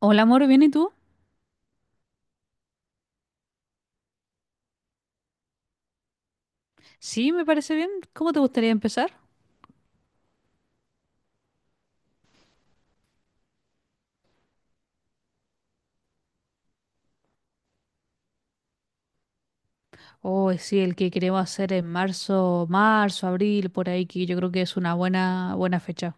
Hola, amor, ¿bien y tú? Sí, me parece bien. ¿Cómo te gustaría empezar? Oh, sí, el que queremos hacer en marzo, marzo, abril, por ahí, que yo creo que es una buena, buena fecha.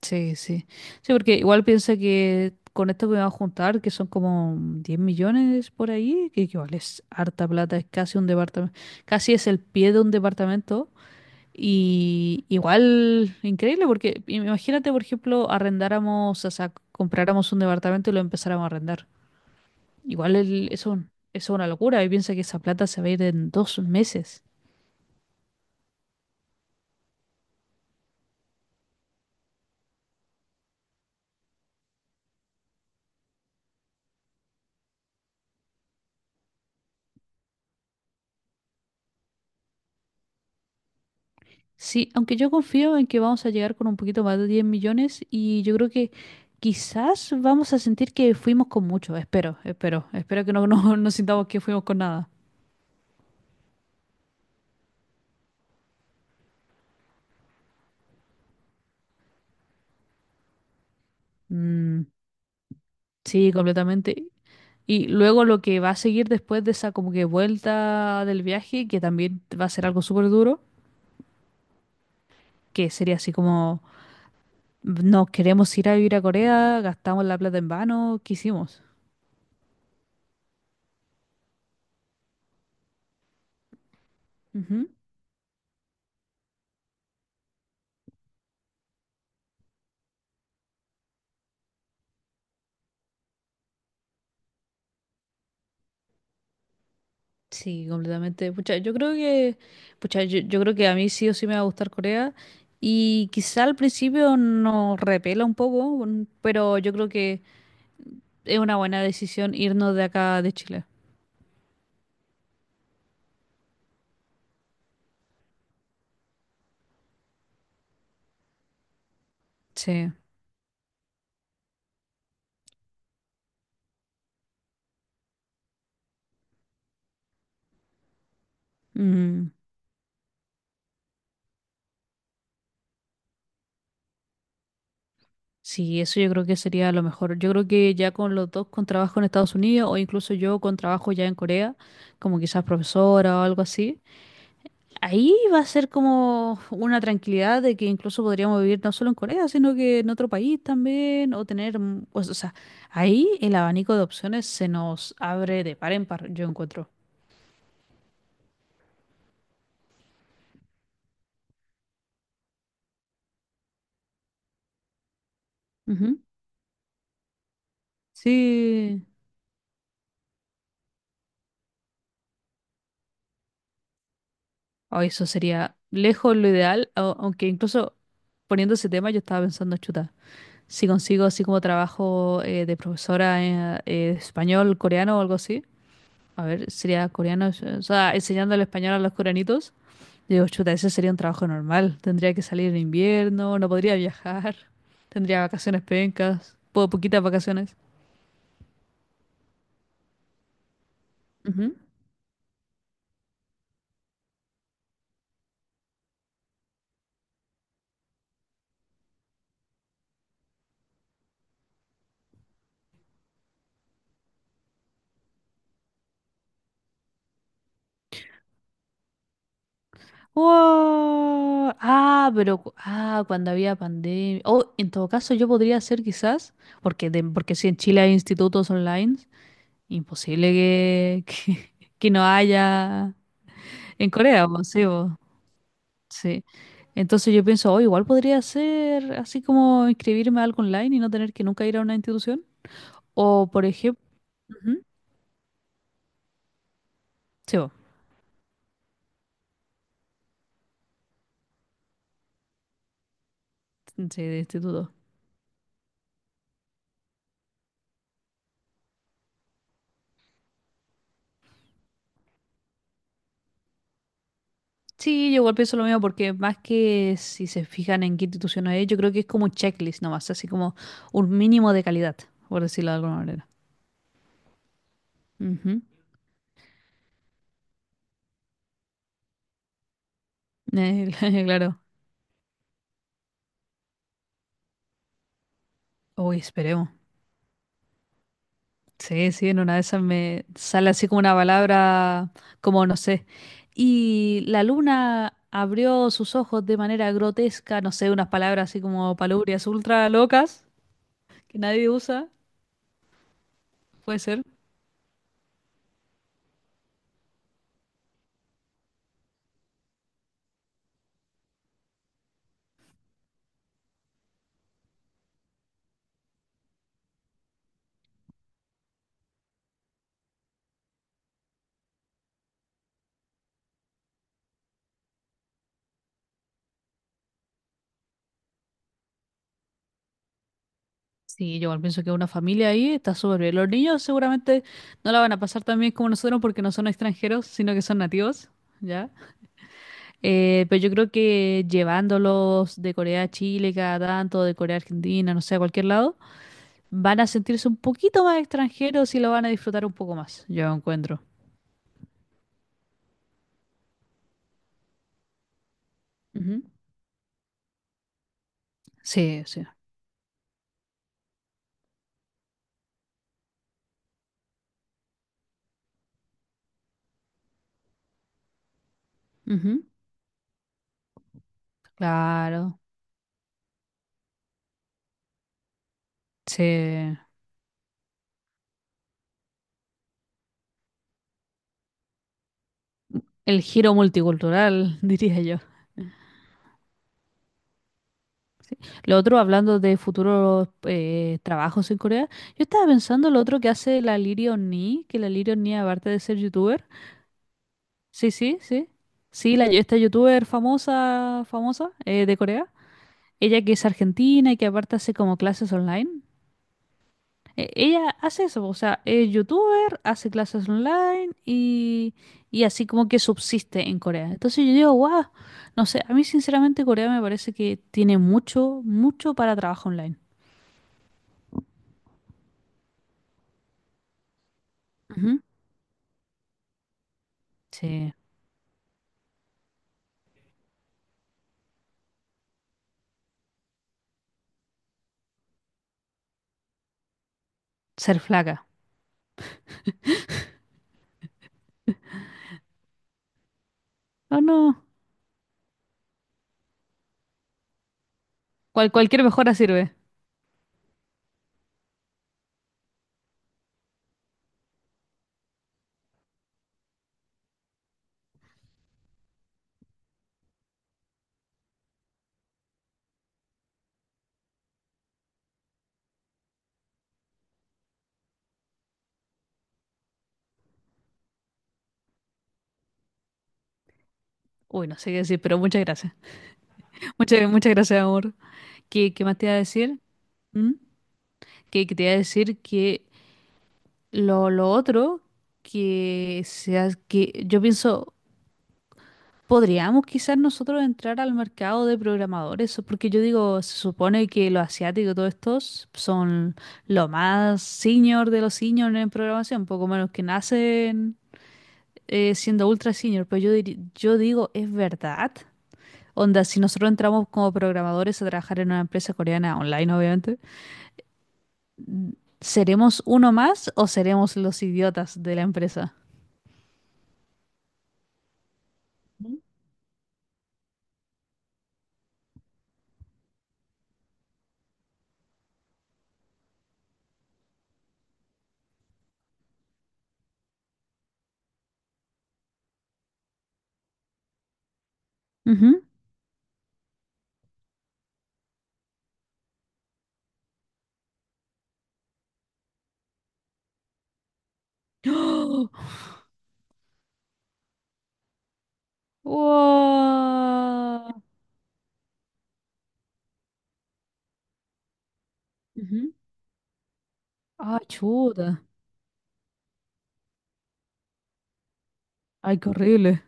Sí, sí. Sí, porque igual piensa que con esto que vamos a juntar, que son como 10 millones por ahí, que igual es harta plata, es casi un departamento, casi es el pie de un departamento. Y igual, increíble, porque imagínate, por ejemplo, arrendáramos, o sea, compráramos un departamento y lo empezáramos a arrendar. Eso, eso es una locura y piensa que esa plata se va a ir en 2 meses. Sí, aunque yo confío en que vamos a llegar con un poquito más de 10 millones y yo creo que quizás vamos a sentir que fuimos con mucho. Espero, espero, espero que no, no, no sintamos que fuimos con nada. Mm, sí, completamente. Y luego lo que va a seguir después de esa como que vuelta del viaje, que también va a ser algo súper duro, que sería así como, nos queremos ir a vivir a Corea, gastamos la plata en vano, ¿qué hicimos? Ujú. Sí, completamente. Pucha, yo creo que, pucha, yo creo que a mí sí o sí me va a gustar Corea. Y quizá al principio nos repela un poco, pero yo creo que es una buena decisión irnos de acá de Chile. Sí. Mm, sí, eso yo creo que sería lo mejor. Yo creo que ya con los dos con trabajo en Estados Unidos o incluso yo con trabajo ya en Corea, como quizás profesora o algo así. Ahí va a ser como una tranquilidad de que incluso podríamos vivir no solo en Corea, sino que en otro país también, o tener, mm, pues, o sea, ahí el abanico de opciones se nos abre de par en par, yo encuentro. Ujú. Sí, o eso sería lejos lo ideal, aunque incluso poniendo ese tema yo estaba pensando, chuta, si consigo así como trabajo de profesora de español, coreano o algo así, a ver, sería coreano, o sea, enseñando el español a los coreanitos. Digo, chuta, ese sería un trabajo normal. Tendría que salir en invierno, no podría viajar, tendría vacaciones pencas, poquitas vacaciones. Ujú. ¡Wow! Ah, pero cuando había pandemia. Oh, en todo caso, yo podría hacer quizás, porque, porque si en Chile hay institutos online, imposible que, que no haya en Corea, po, sí, po, sí. Entonces yo pienso, oh, igual podría ser así como inscribirme a algo online y no tener que nunca ir a una institución. O, por ejemplo, sí, bo, sí, de instituto. Sí, yo igual pienso lo mismo porque más que si se fijan en qué institución es, yo creo que es como un checklist nomás, así como un mínimo de calidad, por decirlo de alguna manera. Ujú. Claro. Uy, esperemos. Sí, sí, en una de esas me sale así como una palabra, como no sé. Y la luna abrió sus ojos de manera grotesca, no sé, unas palabras así como palubrias ultra locas que nadie usa, puede ser. Sí, yo igual pienso que una familia ahí está súper bien. Los niños seguramente no la van a pasar tan bien como nosotros porque no son extranjeros, sino que son nativos, ¿ya? Pero yo creo que llevándolos de Corea a Chile cada tanto, de Corea a Argentina, no sé, a cualquier lado, van a sentirse un poquito más extranjeros y lo van a disfrutar un poco más, yo encuentro. Ujú. Sí, sí. Ujú. Claro. Sí. El giro multicultural, diría yo. Lo otro, hablando de futuros trabajos en Corea, yo estaba pensando lo otro que hace la Lirion Ni, que la Lirion Ni, aparte de ser youtuber, sí, sí, sí, sí, la, esta youtuber famosa, famosa de Corea, ella que es argentina y que aparte hace como clases online, ella hace eso, o sea, es youtuber, hace clases online y así como que subsiste en Corea. Entonces yo digo, wow, no sé, a mí sinceramente Corea me parece que tiene mucho, mucho para trabajo online. Ujú. Sí, ser flaca. No, no. Cualquier mejora sirve. Uy, no sé qué decir, pero muchas gracias. Muchas, muchas gracias, amor. ¿Qué más te iba a decir? ¿Mm? Que te iba a decir que lo otro que sea que yo pienso, podríamos quizás nosotros entrar al mercado de programadores, porque yo digo, se supone que los asiáticos, todos estos, son lo más senior de los senior en programación, poco menos que nacen. Siendo ultra senior, pero yo digo, ¿es verdad? Onda, si nosotros entramos como programadores a trabajar en una empresa coreana online, obviamente, ¿seremos uno más o seremos los idiotas de la empresa? Ujú. ¡Oh! ¡Wow! Ujú. ¡Ah, chuta! ¡Ay, qué horrible!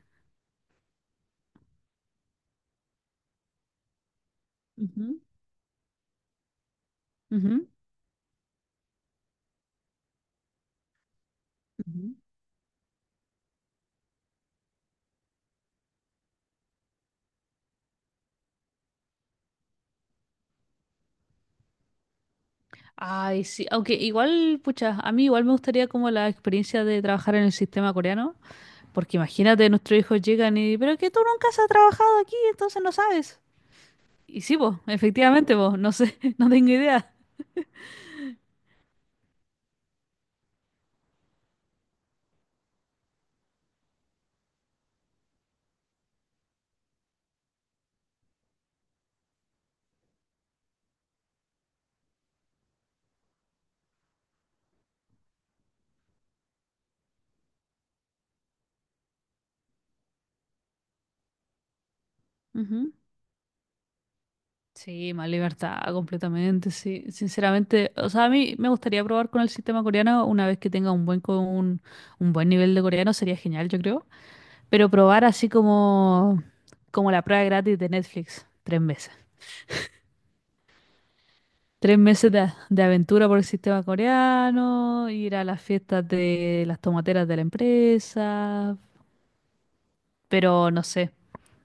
Ujú, ujú, ujú. Ay, sí, aunque igual, pucha, a mí igual me gustaría como la experiencia de trabajar en el sistema coreano. Porque imagínate, nuestros hijos llegan y, pero que tú nunca has trabajado aquí, entonces no sabes. Y sí, vos, efectivamente, vos, no sé, no tengo idea. Ujú. Sí, más libertad, completamente, sí. Sinceramente, o sea, a mí me gustaría probar con el sistema coreano una vez que tenga un buen, un buen nivel de coreano, sería genial, yo creo. Pero probar así como, como la prueba gratis de Netflix, 3 meses. 3 meses de aventura por el sistema coreano, ir a las fiestas de las tomateras de la empresa. Pero no sé.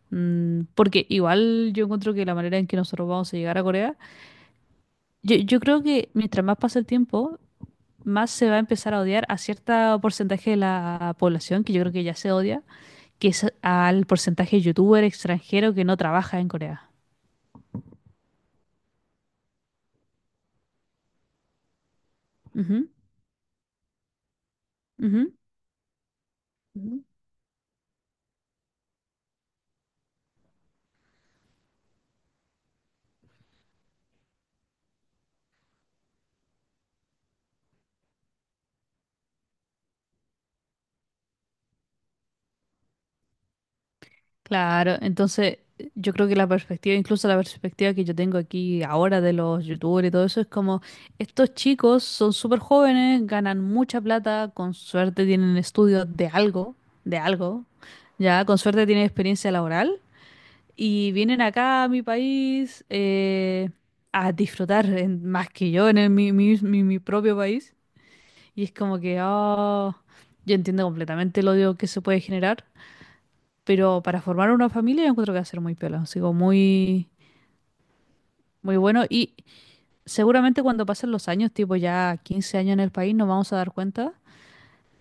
Mm, porque igual yo encuentro que la manera en que nosotros vamos a llegar a Corea, yo creo que mientras más pasa el tiempo, más se va a empezar a odiar a cierto porcentaje de la población, que yo creo que ya se odia, que es al porcentaje de youtuber extranjero que no trabaja en Corea. Ujú, ujú. Ujú. Claro, entonces yo creo que la perspectiva, incluso la perspectiva que yo tengo aquí ahora de los youtubers y todo eso, es como estos chicos son súper jóvenes, ganan mucha plata, con suerte tienen estudios de algo, ya, con suerte tienen experiencia laboral y vienen acá a mi país a disfrutar más que yo en mi propio país. Y es como que, oh, yo entiendo completamente el odio que se puede generar. Pero para formar una familia yo encuentro que va a ser muy piola, sigo muy, muy bueno. Y seguramente cuando pasen los años, tipo ya 15 años en el país, nos vamos a dar cuenta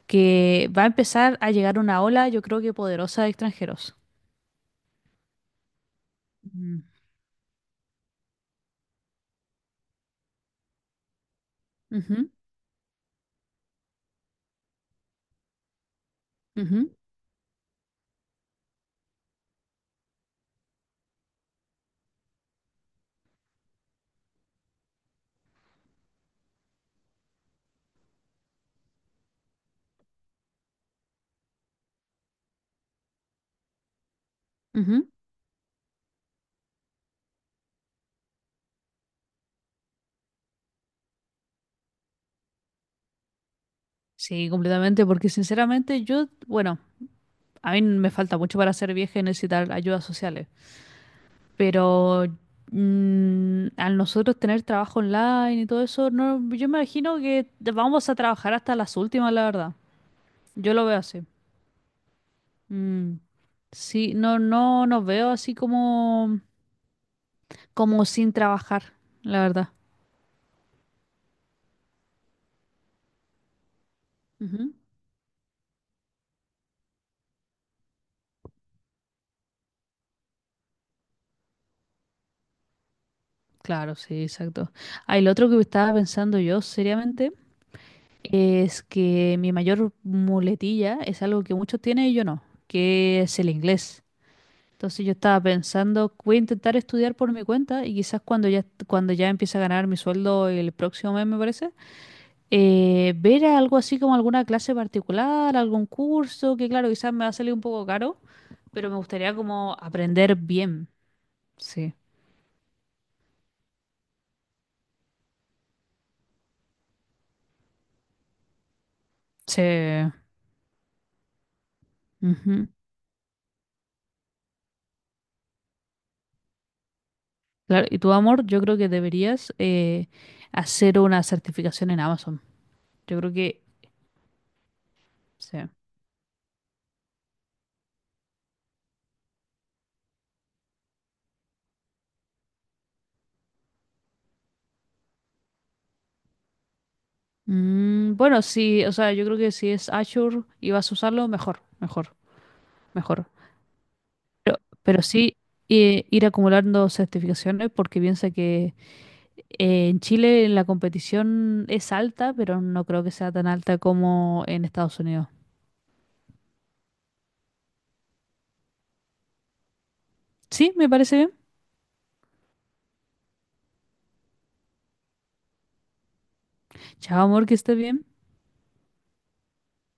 que va a empezar a llegar una ola, yo creo que poderosa de extranjeros. Mm. Ujú, ujú, ujú. Sí, completamente, porque sinceramente yo, bueno, a mí me falta mucho para ser vieja y necesitar ayudas sociales. Pero mm, al nosotros tener trabajo online y todo eso, no, yo me imagino que vamos a trabajar hasta las últimas, la verdad. Yo lo veo así. Mm, sí, no, no nos veo así como, como sin trabajar, la verdad. Ujú. Claro, sí, exacto. Ah, y lo otro que estaba pensando yo seriamente es que mi mayor muletilla es algo que muchos tienen y yo no, que es el inglés. Entonces yo estaba pensando, voy a intentar estudiar por mi cuenta y quizás cuando ya empiece a ganar mi sueldo el próximo mes, me parece, ver algo así como alguna clase particular, algún curso, que claro, quizás me va a salir un poco caro, pero me gustaría como aprender bien. Sí. Sí. Ujú. Claro, y tu amor, yo creo que deberías hacer una certificación en Amazon. Yo creo que... Sí. Mm, bueno, sí, o sea, yo creo que si es Azure y vas a usarlo, mejor, mejor, mejor. Pero, pero sí ir acumulando certificaciones porque piensa que en Chile la competición es alta, pero no creo que sea tan alta como en Estados Unidos. Sí, me parece bien. Chao, amor, que estés bien.